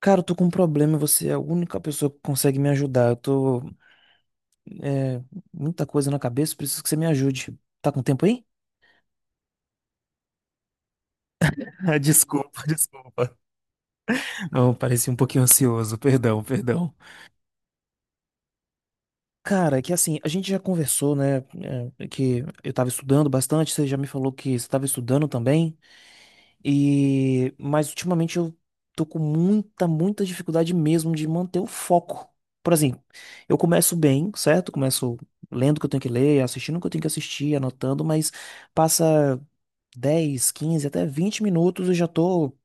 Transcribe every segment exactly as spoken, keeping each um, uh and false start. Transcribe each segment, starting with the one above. Cara, eu tô com um problema, e você é a única pessoa que consegue me ajudar. Eu tô, é, muita coisa na cabeça, preciso que você me ajude. Tá com tempo aí? Ah, desculpa, desculpa. Não, pareci um pouquinho ansioso. Perdão, perdão. Cara, é que assim, a gente já conversou, né? é, é que eu tava estudando bastante, você já me falou que você tava estudando também. E mas ultimamente eu tô com muita, muita dificuldade mesmo de manter o foco. Por exemplo, eu começo bem, certo? Começo lendo o que eu tenho que ler, assistindo o que eu tenho que assistir, anotando, mas passa dez, quinze, até vinte minutos eu já tô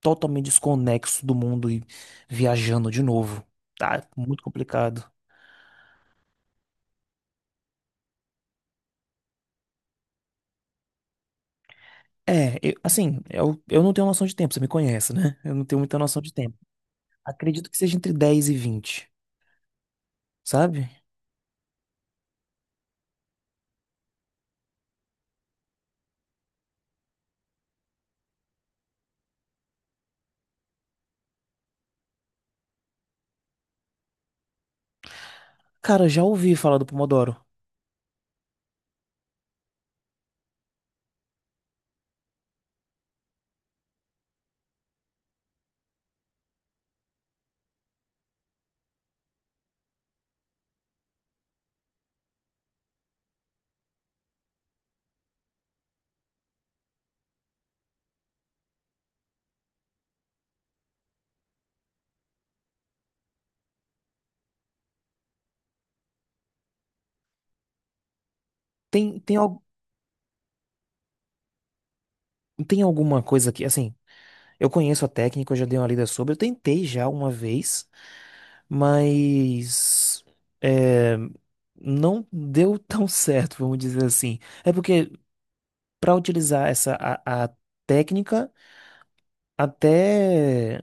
totalmente desconexo do mundo e viajando de novo. Tá muito complicado. É, eu- assim, eu, eu não tenho noção de tempo, você me conhece, né? Eu não tenho muita noção de tempo. Acredito que seja entre dez e vinte, sabe? Cara, já ouvi falar do Pomodoro. Tem, tem, al- tem alguma coisa que, assim, eu conheço a técnica, eu já dei uma lida sobre, eu tentei já uma vez, mas é, não deu tão certo, vamos dizer assim. É porque para utilizar essa a, a técnica, até,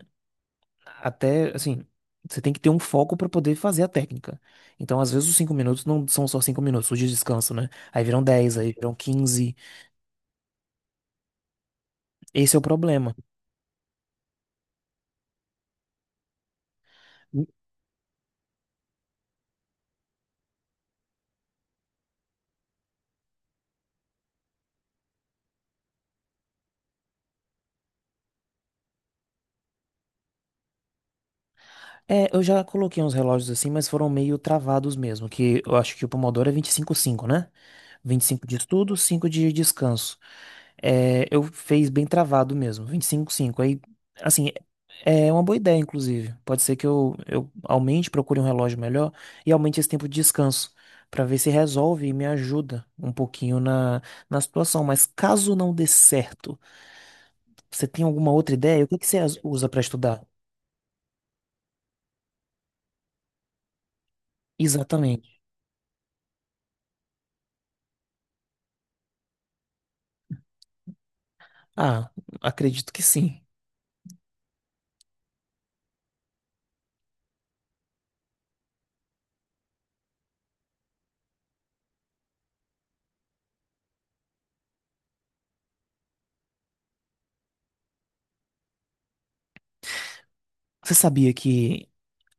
até, assim, você tem que ter um foco para poder fazer a técnica. Então, às vezes, os cinco minutos não são só cinco minutos, os de descanso, né? Aí viram dez, aí viram quinze. Esse é o problema. É, eu já coloquei uns relógios assim, mas foram meio travados mesmo, que eu acho que o Pomodoro é vinte e cinco cinco, né? Vinte e cinco de estudo, cinco de descanso. É, eu fiz bem travado mesmo, vinte e cinco cinco. Aí, assim, é uma boa ideia, inclusive. Pode ser que eu, eu aumente, procure um relógio melhor e aumente esse tempo de descanso, pra ver se resolve e me ajuda um pouquinho na, na situação. Mas caso não dê certo, você tem alguma outra ideia? O que que você as- usa pra estudar? Exatamente. Ah, acredito que sim. Você sabia que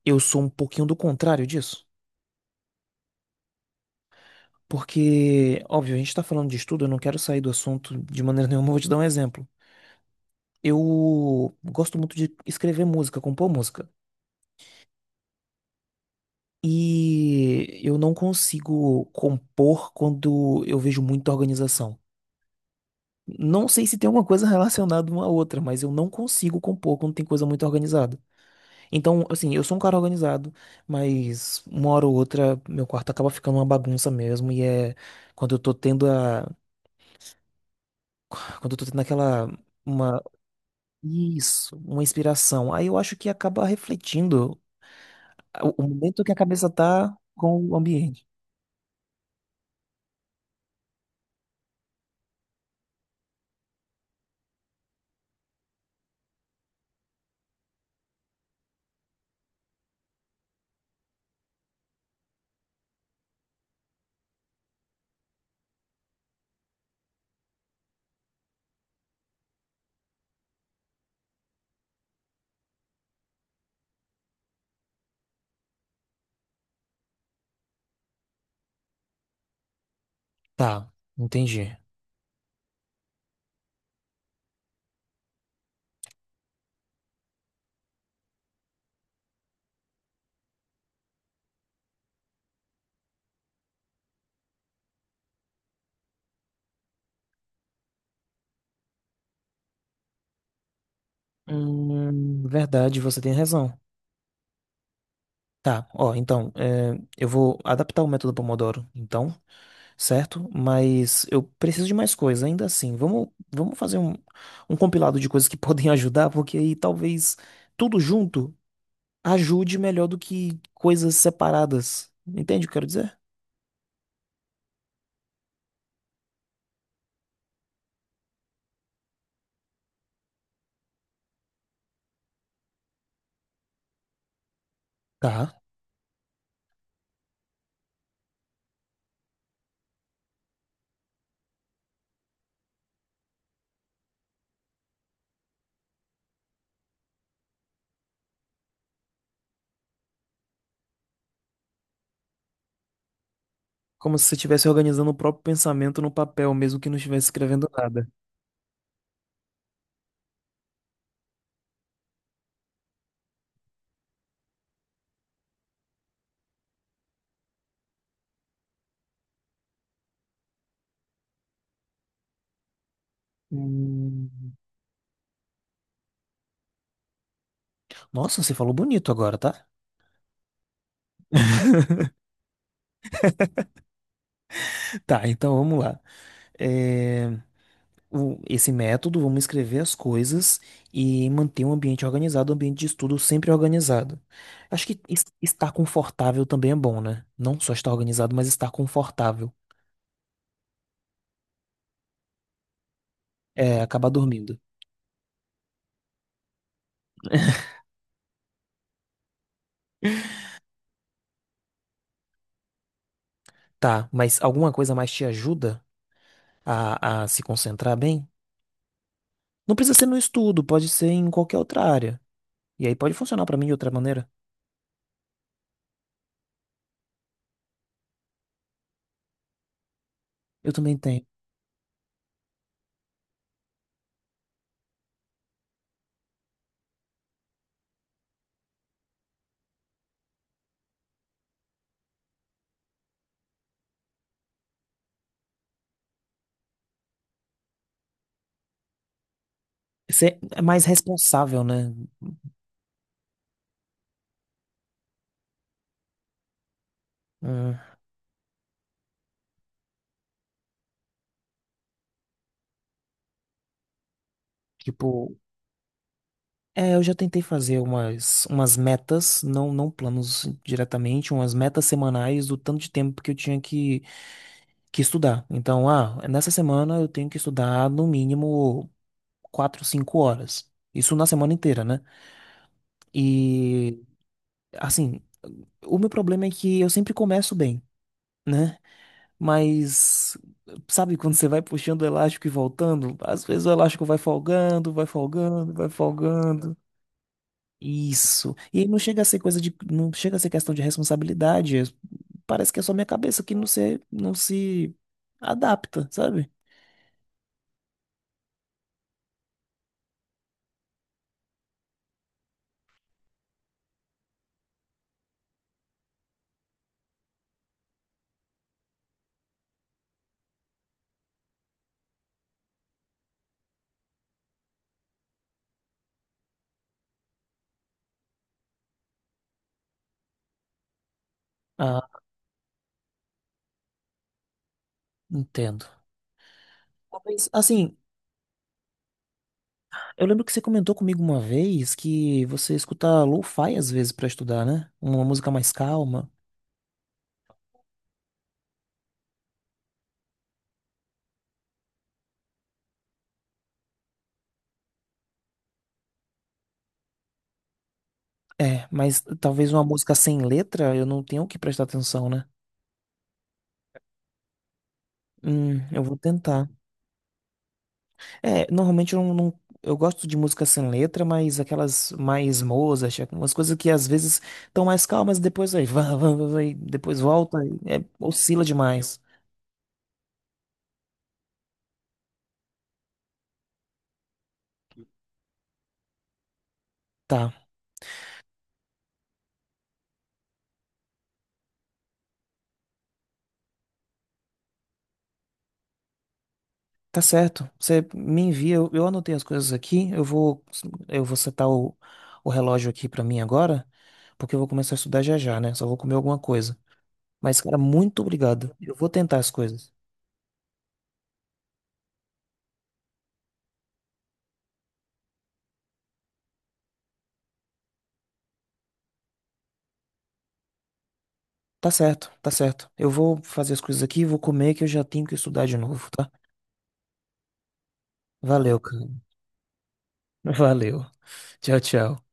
eu sou um pouquinho do contrário disso? Porque, óbvio, a gente tá falando de estudo, eu não quero sair do assunto de maneira nenhuma, eu vou te dar um exemplo. Eu gosto muito de escrever música, compor música. E eu não consigo compor quando eu vejo muita organização. Não sei se tem alguma coisa relacionada uma à outra, mas eu não consigo compor quando tem coisa muito organizada. Então, assim, eu sou um cara organizado, mas uma hora ou outra meu quarto acaba ficando uma bagunça mesmo e é quando eu tô tendo a quando eu tô tendo aquela uma isso, uma inspiração. Aí eu acho que acaba refletindo o, o momento que a cabeça tá com o ambiente. Tá, entendi. Hum, verdade, você tem razão. Tá, ó, então, eh, eu vou adaptar o método Pomodoro, então, certo? Mas eu preciso de mais coisa, ainda assim. Vamos, vamos fazer um, um compilado de coisas que podem ajudar, porque aí talvez tudo junto ajude melhor do que coisas separadas. Entende o que eu quero dizer? Tá. Como se você estivesse organizando o próprio pensamento no papel, mesmo que não estivesse escrevendo nada. Hum. Nossa, você falou bonito agora, tá? Tá, então vamos lá. O- esse método, vamos escrever as coisas e manter um ambiente organizado, um ambiente de estudo sempre organizado. Acho que es- estar confortável também é bom, né? Não só estar organizado, mas estar confortável. É, acabar dormindo. Tá, mas alguma coisa mais te ajuda a, a se concentrar bem? Não precisa ser no estudo, pode ser em qualquer outra área. E aí pode funcionar pra mim de outra maneira. Eu também tenho. Você é mais responsável, né? Hum, tipo. É, eu já tentei fazer umas, umas metas, não, não planos diretamente, umas metas semanais do tanto de tempo que eu tinha que, que estudar. Então, ah, nessa semana eu tenho que estudar no mínimo quatro cinco horas. Isso na semana inteira, né? E, assim, o meu problema é que eu sempre começo bem, né? Mas, sabe, quando você vai puxando o elástico e voltando, às vezes o elástico vai folgando, vai folgando, vai folgando. Isso. E aí não chega a ser coisa de, não chega a ser questão de responsabilidade. é- Parece que é só minha cabeça que não se, não se adapta, sabe? Ah, entendo. Mas, assim, eu lembro que você comentou comigo uma vez que você escuta lo-fi às vezes pra estudar, né? Uma música mais calma. É, mas talvez uma música sem letra eu não tenha o que prestar atenção, né? Hum, eu vou tentar. É, normalmente eu não, não- eu gosto de música sem letra, mas aquelas mais Mozart, umas coisas que às vezes estão mais calmas, depois aí, vá, vá, vá, vai, depois volta, e é, oscila demais. Tá, tá certo. Você me envia, eu, eu anotei as coisas aqui, eu vou, eu vou setar o, o relógio aqui pra mim agora, porque eu vou começar a estudar já já, né? Só vou comer alguma coisa. Mas, cara, muito obrigado. Eu vou tentar as coisas. Tá certo, tá certo. Eu vou fazer as coisas aqui, vou comer, que eu já tenho que estudar de novo, tá? Valeu, cara. Valeu. Tchau, tchau.